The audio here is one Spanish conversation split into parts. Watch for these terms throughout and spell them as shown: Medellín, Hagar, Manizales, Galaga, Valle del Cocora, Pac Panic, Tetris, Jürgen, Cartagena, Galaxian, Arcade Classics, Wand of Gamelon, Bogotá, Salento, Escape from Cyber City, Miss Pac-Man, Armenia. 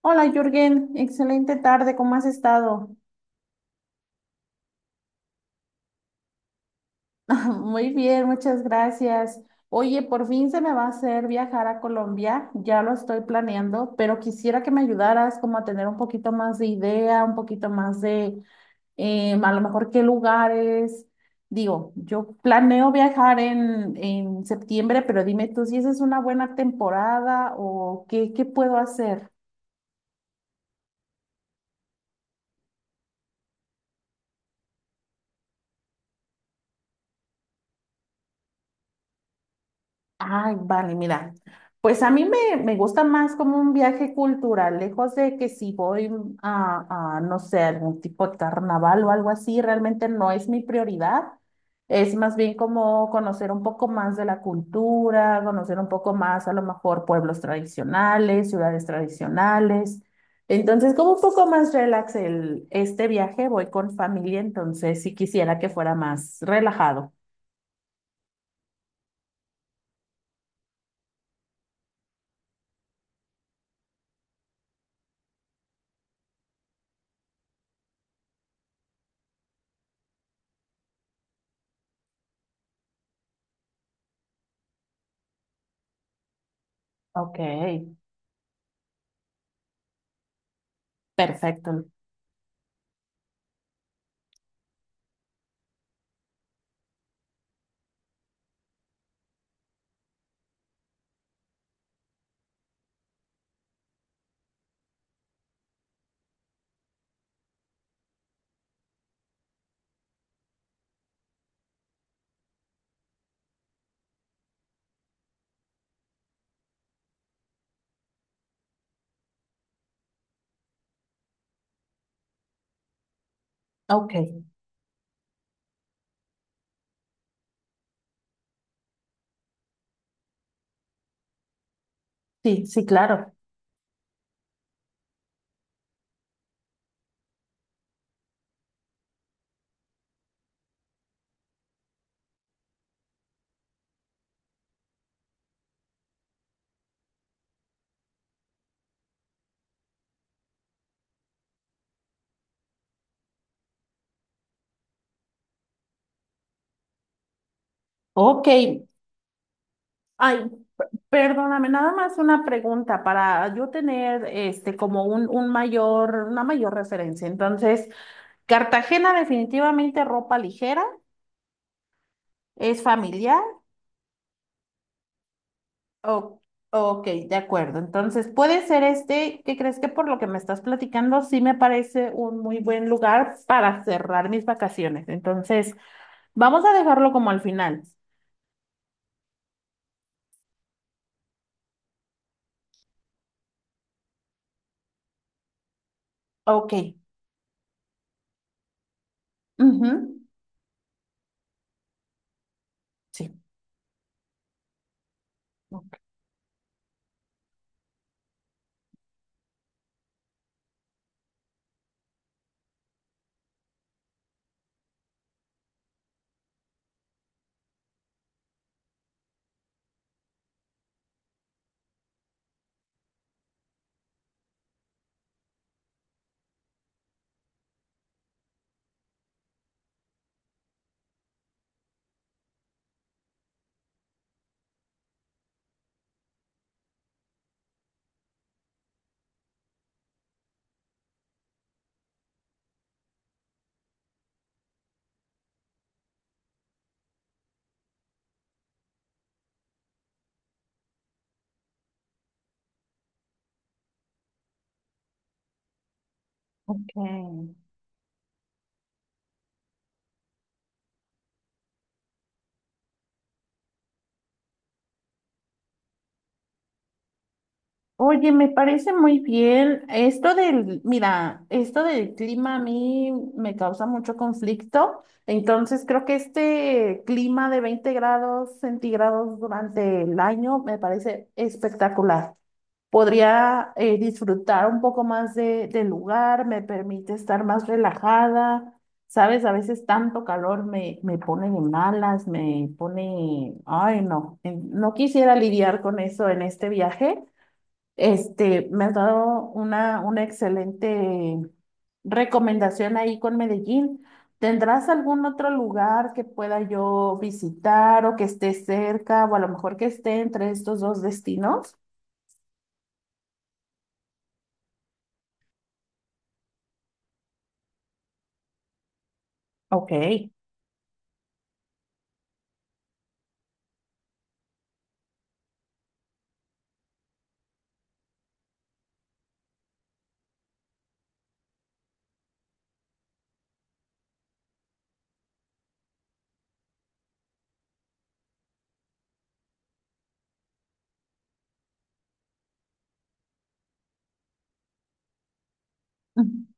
Hola Jürgen, excelente tarde, ¿cómo has estado? Muy bien, muchas gracias. Oye, por fin se me va a hacer viajar a Colombia, ya lo estoy planeando, pero quisiera que me ayudaras como a tener un poquito más de idea, un poquito más de a lo mejor qué lugares. Digo, yo planeo viajar en septiembre, pero dime tú si esa es una buena temporada o qué, qué puedo hacer. Ay, vale, mira. Pues a me gusta más como un viaje cultural, lejos de que si voy no sé, algún tipo de carnaval o algo así, realmente no es mi prioridad. Es más bien como conocer un poco más de la cultura, conocer un poco más a lo mejor pueblos tradicionales, ciudades tradicionales. Entonces, como un poco más relax este viaje, voy con familia, entonces sí quisiera que fuera más relajado. Ok, perfecto. Ok. Sí, sí, claro. Ok. Ay, perdóname, nada más una pregunta para yo tener este como un mayor, una mayor referencia. Entonces, Cartagena definitivamente ropa ligera, es familiar. O- ok, de acuerdo. Entonces, puede ser este, ¿qué crees que por lo que me estás platicando, sí me parece un muy buen lugar para cerrar mis vacaciones? Entonces, vamos a dejarlo como al final. Ok. Ujú. Sí. Ok. Oye, me parece muy bien. Esto del, mira, esto del clima a mí me causa mucho conflicto. Entonces, creo que este clima de 20 grados centígrados durante el año me parece espectacular. Podría disfrutar un poco más del lugar, me permite estar más relajada. Sabes, a veces tanto calor me pone de malas, me pone, ay, no, no quisiera lidiar con eso en este viaje. Este, me has dado una excelente recomendación ahí con Medellín. ¿Tendrás algún otro lugar que pueda yo visitar o que esté cerca o a lo mejor que esté entre estos dos destinos? Ok. Ujú.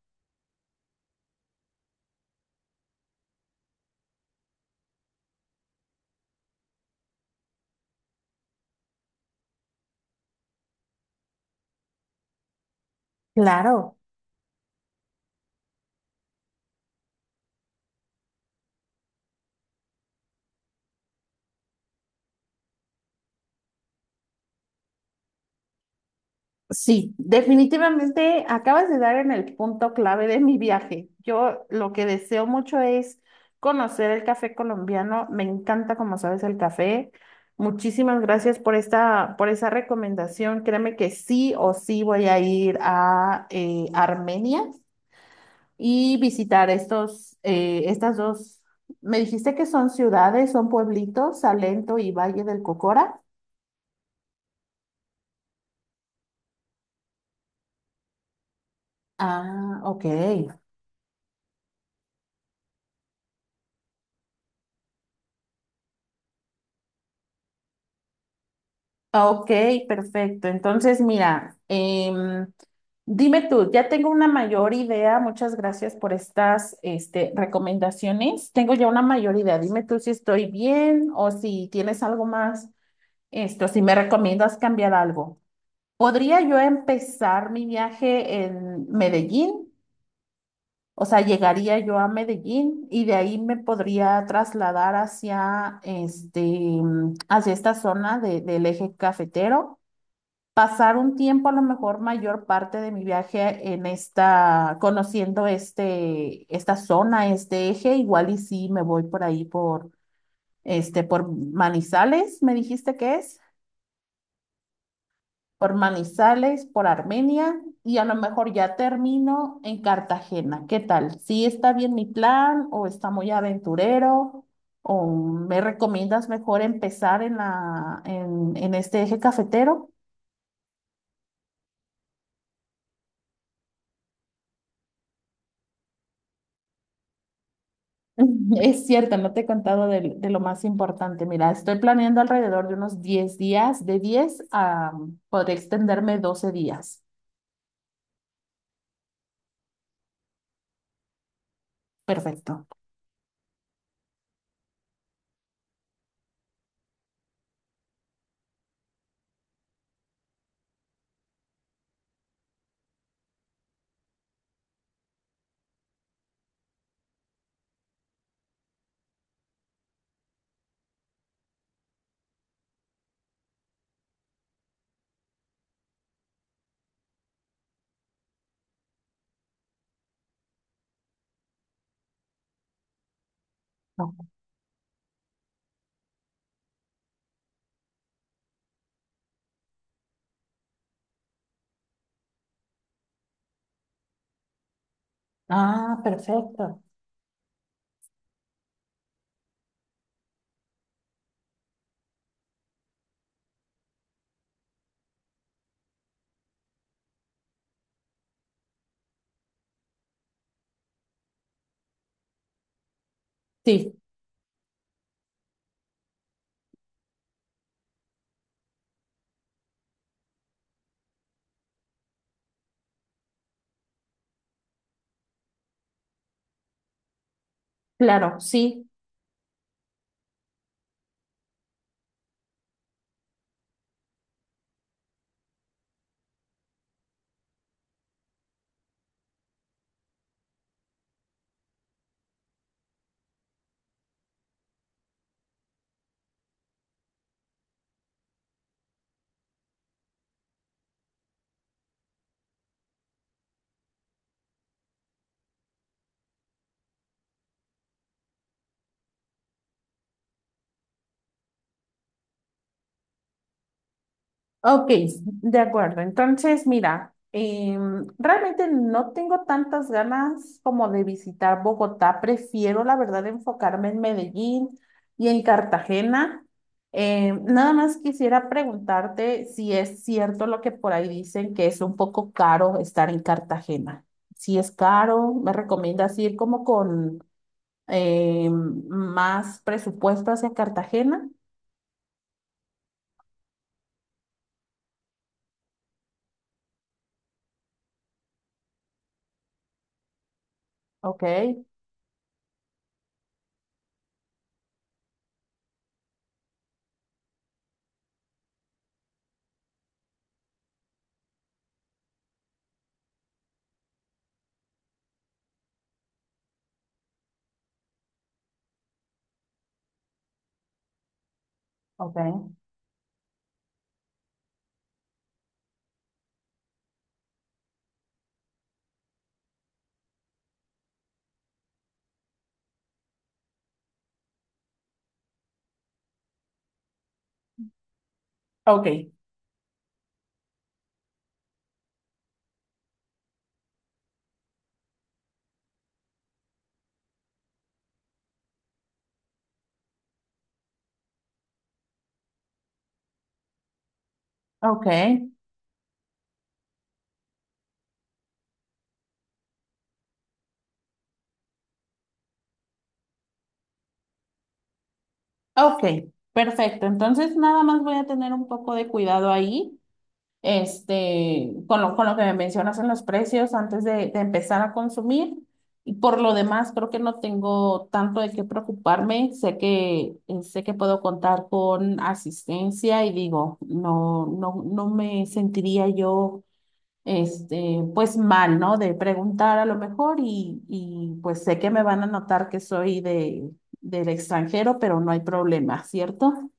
Claro. Sí, definitivamente acabas de dar en el punto clave de mi viaje. Yo lo que deseo mucho es conocer el café colombiano. Me encanta, como sabes, el café. Muchísimas gracias por esta, por esa recomendación. Créeme que sí o sí voy a ir a Armenia y visitar estas dos. Me dijiste que son ciudades, son pueblitos, Salento y Valle del Cocora. Ah, ok. Ah, ok, perfecto. Entonces, mira, dime tú, ya tengo una mayor idea. Muchas gracias por recomendaciones. Tengo ya una mayor idea. Dime tú si estoy bien o si tienes algo más, esto, si me recomiendas cambiar algo. ¿Podría yo empezar mi viaje en Medellín? O sea, llegaría yo a Medellín y de ahí me podría trasladar hacia, este, hacia esta zona del eje cafetero, pasar un tiempo, a lo mejor mayor parte de mi viaje en esta, conociendo este, esta zona, este eje, igual y sí me voy por ahí este, por Manizales, me dijiste que es, por Manizales, por Armenia, y a lo mejor ya termino en Cartagena. ¿Qué tal? ¿Sí está bien mi plan o está muy aventurero? ¿O me recomiendas mejor empezar en en este eje cafetero? Es cierto, no te he contado lo más importante. Mira, estoy planeando alrededor de unos 10 días, de 10 a, podré extenderme 12 días. Perfecto. No. Ah, perfecto. Sí, claro, sí, ok, de acuerdo. Entonces, mira, realmente no tengo tantas ganas como de visitar Bogotá. Prefiero, la verdad, enfocarme en Medellín y en Cartagena. Nada más quisiera preguntarte si es cierto lo que por ahí dicen, que es un poco caro estar en Cartagena. Si es caro, ¿me recomiendas ir como con más presupuesto hacia Cartagena? Ok, ok, ok, ok. Ok, perfecto. Entonces, nada más voy a tener un poco de cuidado ahí, este, con lo que me mencionas en los precios antes de empezar a consumir. Y por lo demás, creo que no tengo tanto de qué preocuparme. Sé que puedo contar con asistencia y digo, no, no, no me sentiría yo este, pues mal, ¿no? De preguntar a lo mejor y pues sé que me van a notar que soy del extranjero, pero no hay problema, ¿cierto?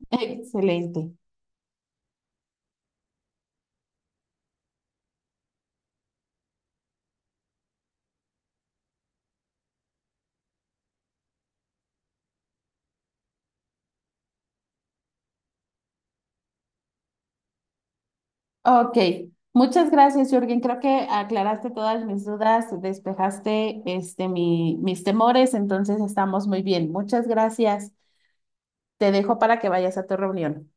Excelente. Ok, muchas gracias, Jürgen. Creo que aclaraste todas mis dudas, despejaste este, mis temores, entonces estamos muy bien. Muchas gracias. Te dejo para que vayas a tu reunión.